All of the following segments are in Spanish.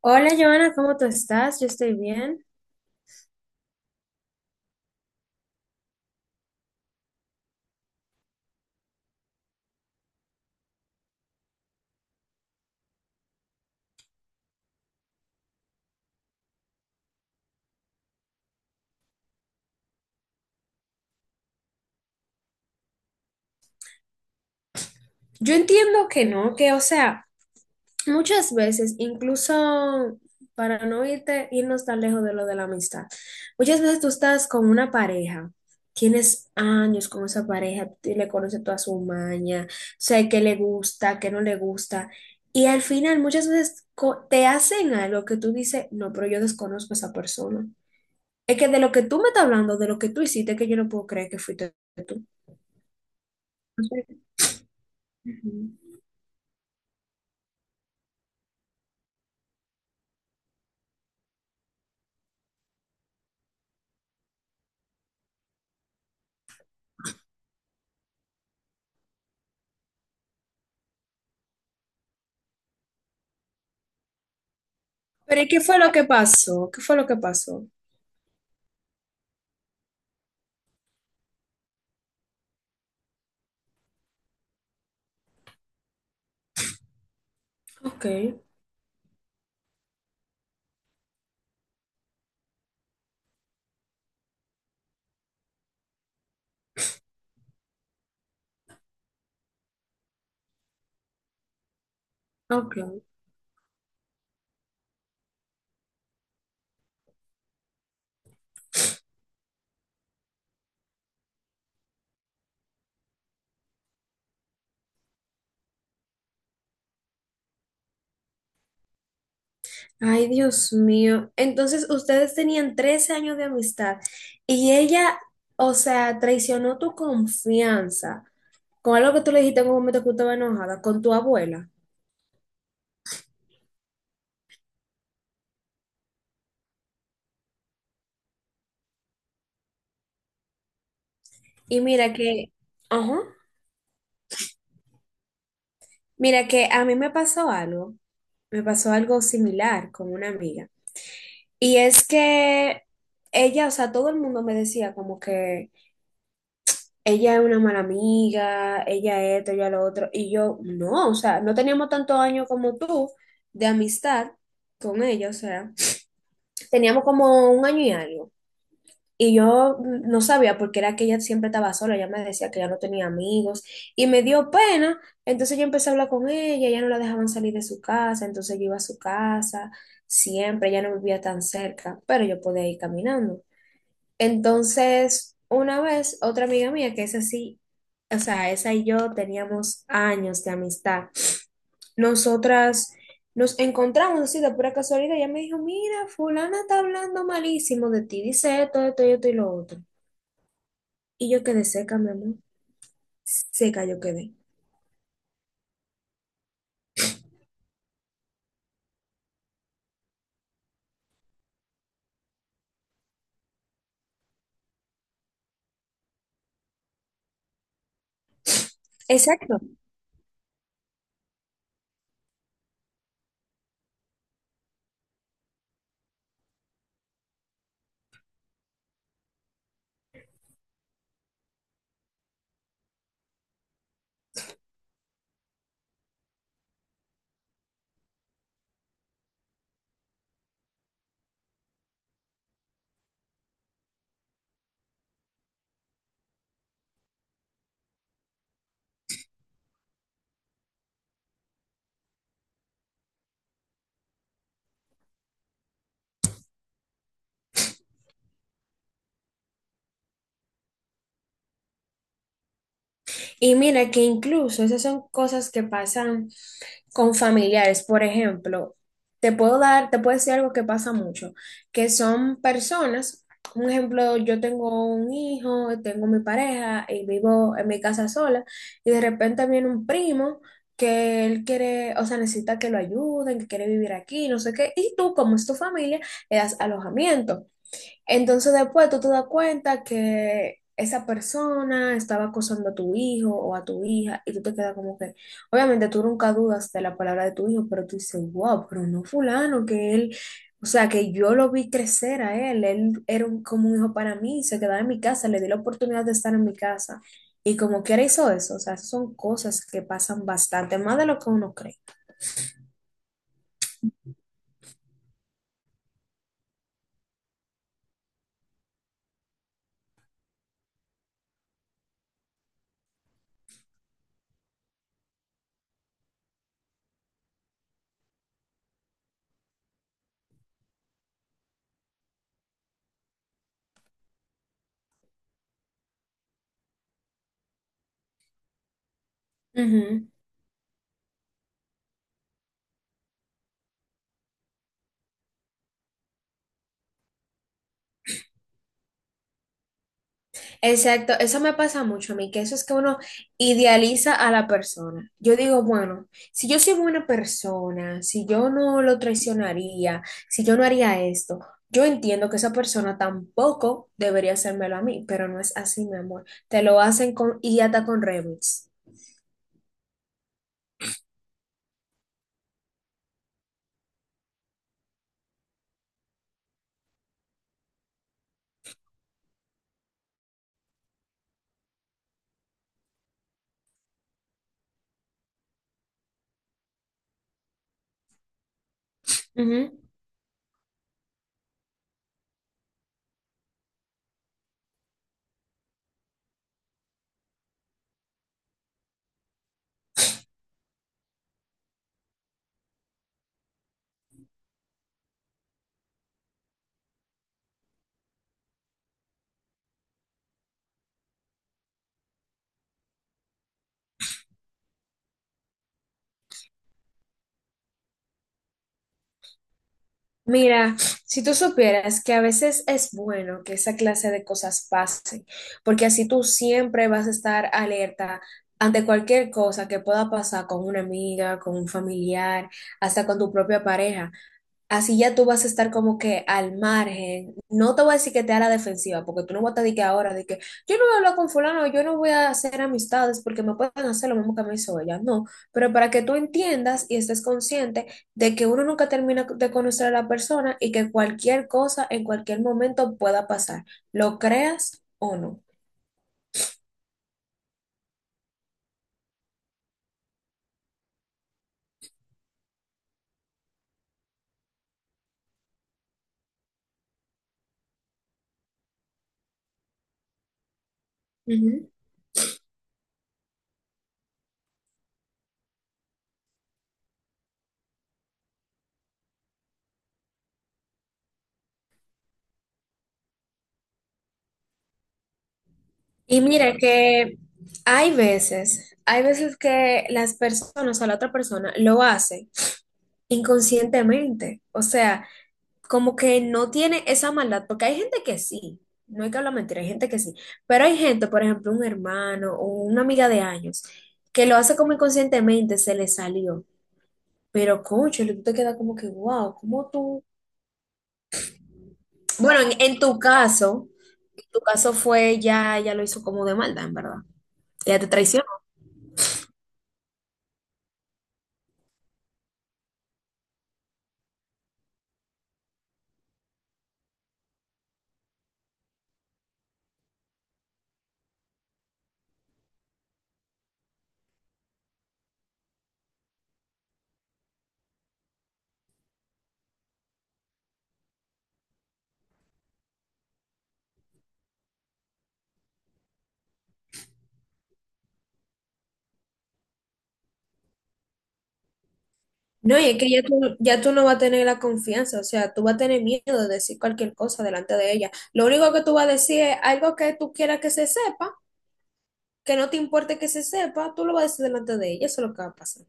Hola, Joana, ¿cómo tú estás? Yo estoy bien. Yo entiendo que no, que o sea, muchas veces, incluso para no irnos tan lejos de lo de la amistad, muchas veces tú estás con una pareja, tienes años con esa pareja, tú le conoces toda su maña, sé qué le gusta, qué no le gusta, y al final muchas veces te hacen algo que tú dices, no, pero yo desconozco a esa persona. Es que de lo que tú me estás hablando, de lo que tú hiciste, que yo no puedo creer que fuiste tú. Ujú. Pero ¿y qué fue lo que pasó? ¿Qué fue lo que pasó? Ok, ok. Ay, Dios mío. Entonces, ustedes tenían 13 años de amistad y ella, o sea, traicionó tu confianza con algo que tú le dijiste en un momento que tú estabas enojada, con tu abuela. Y mira que, ajá, mira que a mí me pasó algo, similar con una amiga. Y es que ella, o sea, todo el mundo me decía como que... ella es una mala amiga, ella esto, ella lo otro. Y yo, no, o sea, no teníamos tantos años como tú de amistad con ella, o sea, teníamos como un año y algo. Y yo no sabía porque era que ella siempre estaba sola, ella me decía que ya no tenía amigos y me dio pena, entonces yo empecé a hablar con ella, ya no la dejaban salir de su casa, entonces yo iba a su casa, siempre, ya no vivía tan cerca, pero yo podía ir caminando. Entonces, una vez, otra amiga mía, que es así, o sea, esa y yo teníamos años de amistad. Nosotras nos encontramos así de pura casualidad. Ella me dijo, mira, fulana está hablando malísimo de ti, dice esto, esto y esto y lo otro. Y yo quedé seca, mi amor. Seca yo quedé. Exacto. Y mira que incluso esas son cosas que pasan con familiares, por ejemplo, te puedo dar, te puedo decir algo que pasa mucho, que son personas, un ejemplo, yo tengo un hijo, tengo mi pareja y vivo en mi casa sola y de repente viene un primo que él quiere, o sea, necesita que lo ayuden, que quiere vivir aquí, no sé qué, y tú como es tu familia, le das alojamiento. Entonces después tú te das cuenta que esa persona estaba acosando a tu hijo o a tu hija y tú te quedas como que, obviamente tú nunca dudas de la palabra de tu hijo, pero tú dices, wow, pero no fulano, que él, o sea, que yo lo vi crecer a él, él era como un hijo para mí, se quedaba en mi casa, le di la oportunidad de estar en mi casa y como quiera hizo eso, o sea, son cosas que pasan bastante, más de lo que uno cree. Exacto, eso me pasa mucho a mí, que eso es que uno idealiza a la persona. Yo digo, bueno, si yo soy buena persona, si yo no lo traicionaría, si yo no haría esto, yo entiendo que esa persona tampoco debería hacérmelo a mí, pero no es así, mi amor. Te lo hacen con, y hasta con remix. Mira, si tú supieras que a veces es bueno que esa clase de cosas pasen, porque así tú siempre vas a estar alerta ante cualquier cosa que pueda pasar con una amiga, con un familiar, hasta con tu propia pareja. Así ya tú vas a estar como que al margen. No te voy a decir que te a la defensiva, porque tú no vas a estar de que ahora, de que yo no voy a hablar con fulano, yo no voy a hacer amistades porque me pueden hacer lo mismo que me hizo ella. No, pero para que tú entiendas y estés consciente de que uno nunca termina de conocer a la persona y que cualquier cosa en cualquier momento pueda pasar, lo creas o no. Ujú. Y mira que hay veces que las personas o sea, la otra persona lo hace inconscientemente. O sea, como que no tiene esa maldad, porque hay gente que sí, no hay que hablar mentira, hay gente que sí, pero hay gente, por ejemplo, un hermano o una amiga de años, que lo hace como inconscientemente, se le salió. Pero, concho, tú te quedas como que, wow, ¿cómo tú? Bueno, en tu caso fue ya lo hizo como de maldad, en verdad. Ya te traicionó. No, y es que ya tú no vas a tener la confianza, o sea, tú vas a tener miedo de decir cualquier cosa delante de ella. Lo único que tú vas a decir es algo que tú quieras que se sepa, que no te importe que se sepa, tú lo vas a decir delante de ella, eso es lo que va a pasar.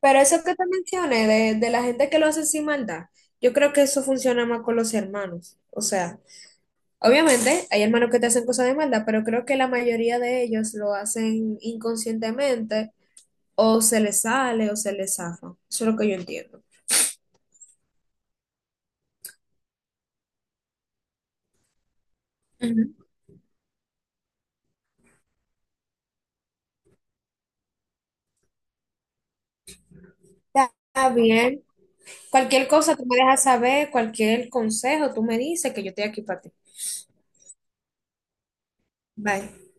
Pero eso que te mencioné de, la gente que lo hace sin maldad, yo creo que eso funciona más con los hermanos. O sea, obviamente hay hermanos que te hacen cosas de maldad, pero creo que la mayoría de ellos lo hacen inconscientemente o se les sale o se les zafa. Eso es lo que yo entiendo. Ujú. Está bien. Cualquier cosa tú me dejas saber, cualquier consejo tú me dices que yo estoy aquí para ti. Bye.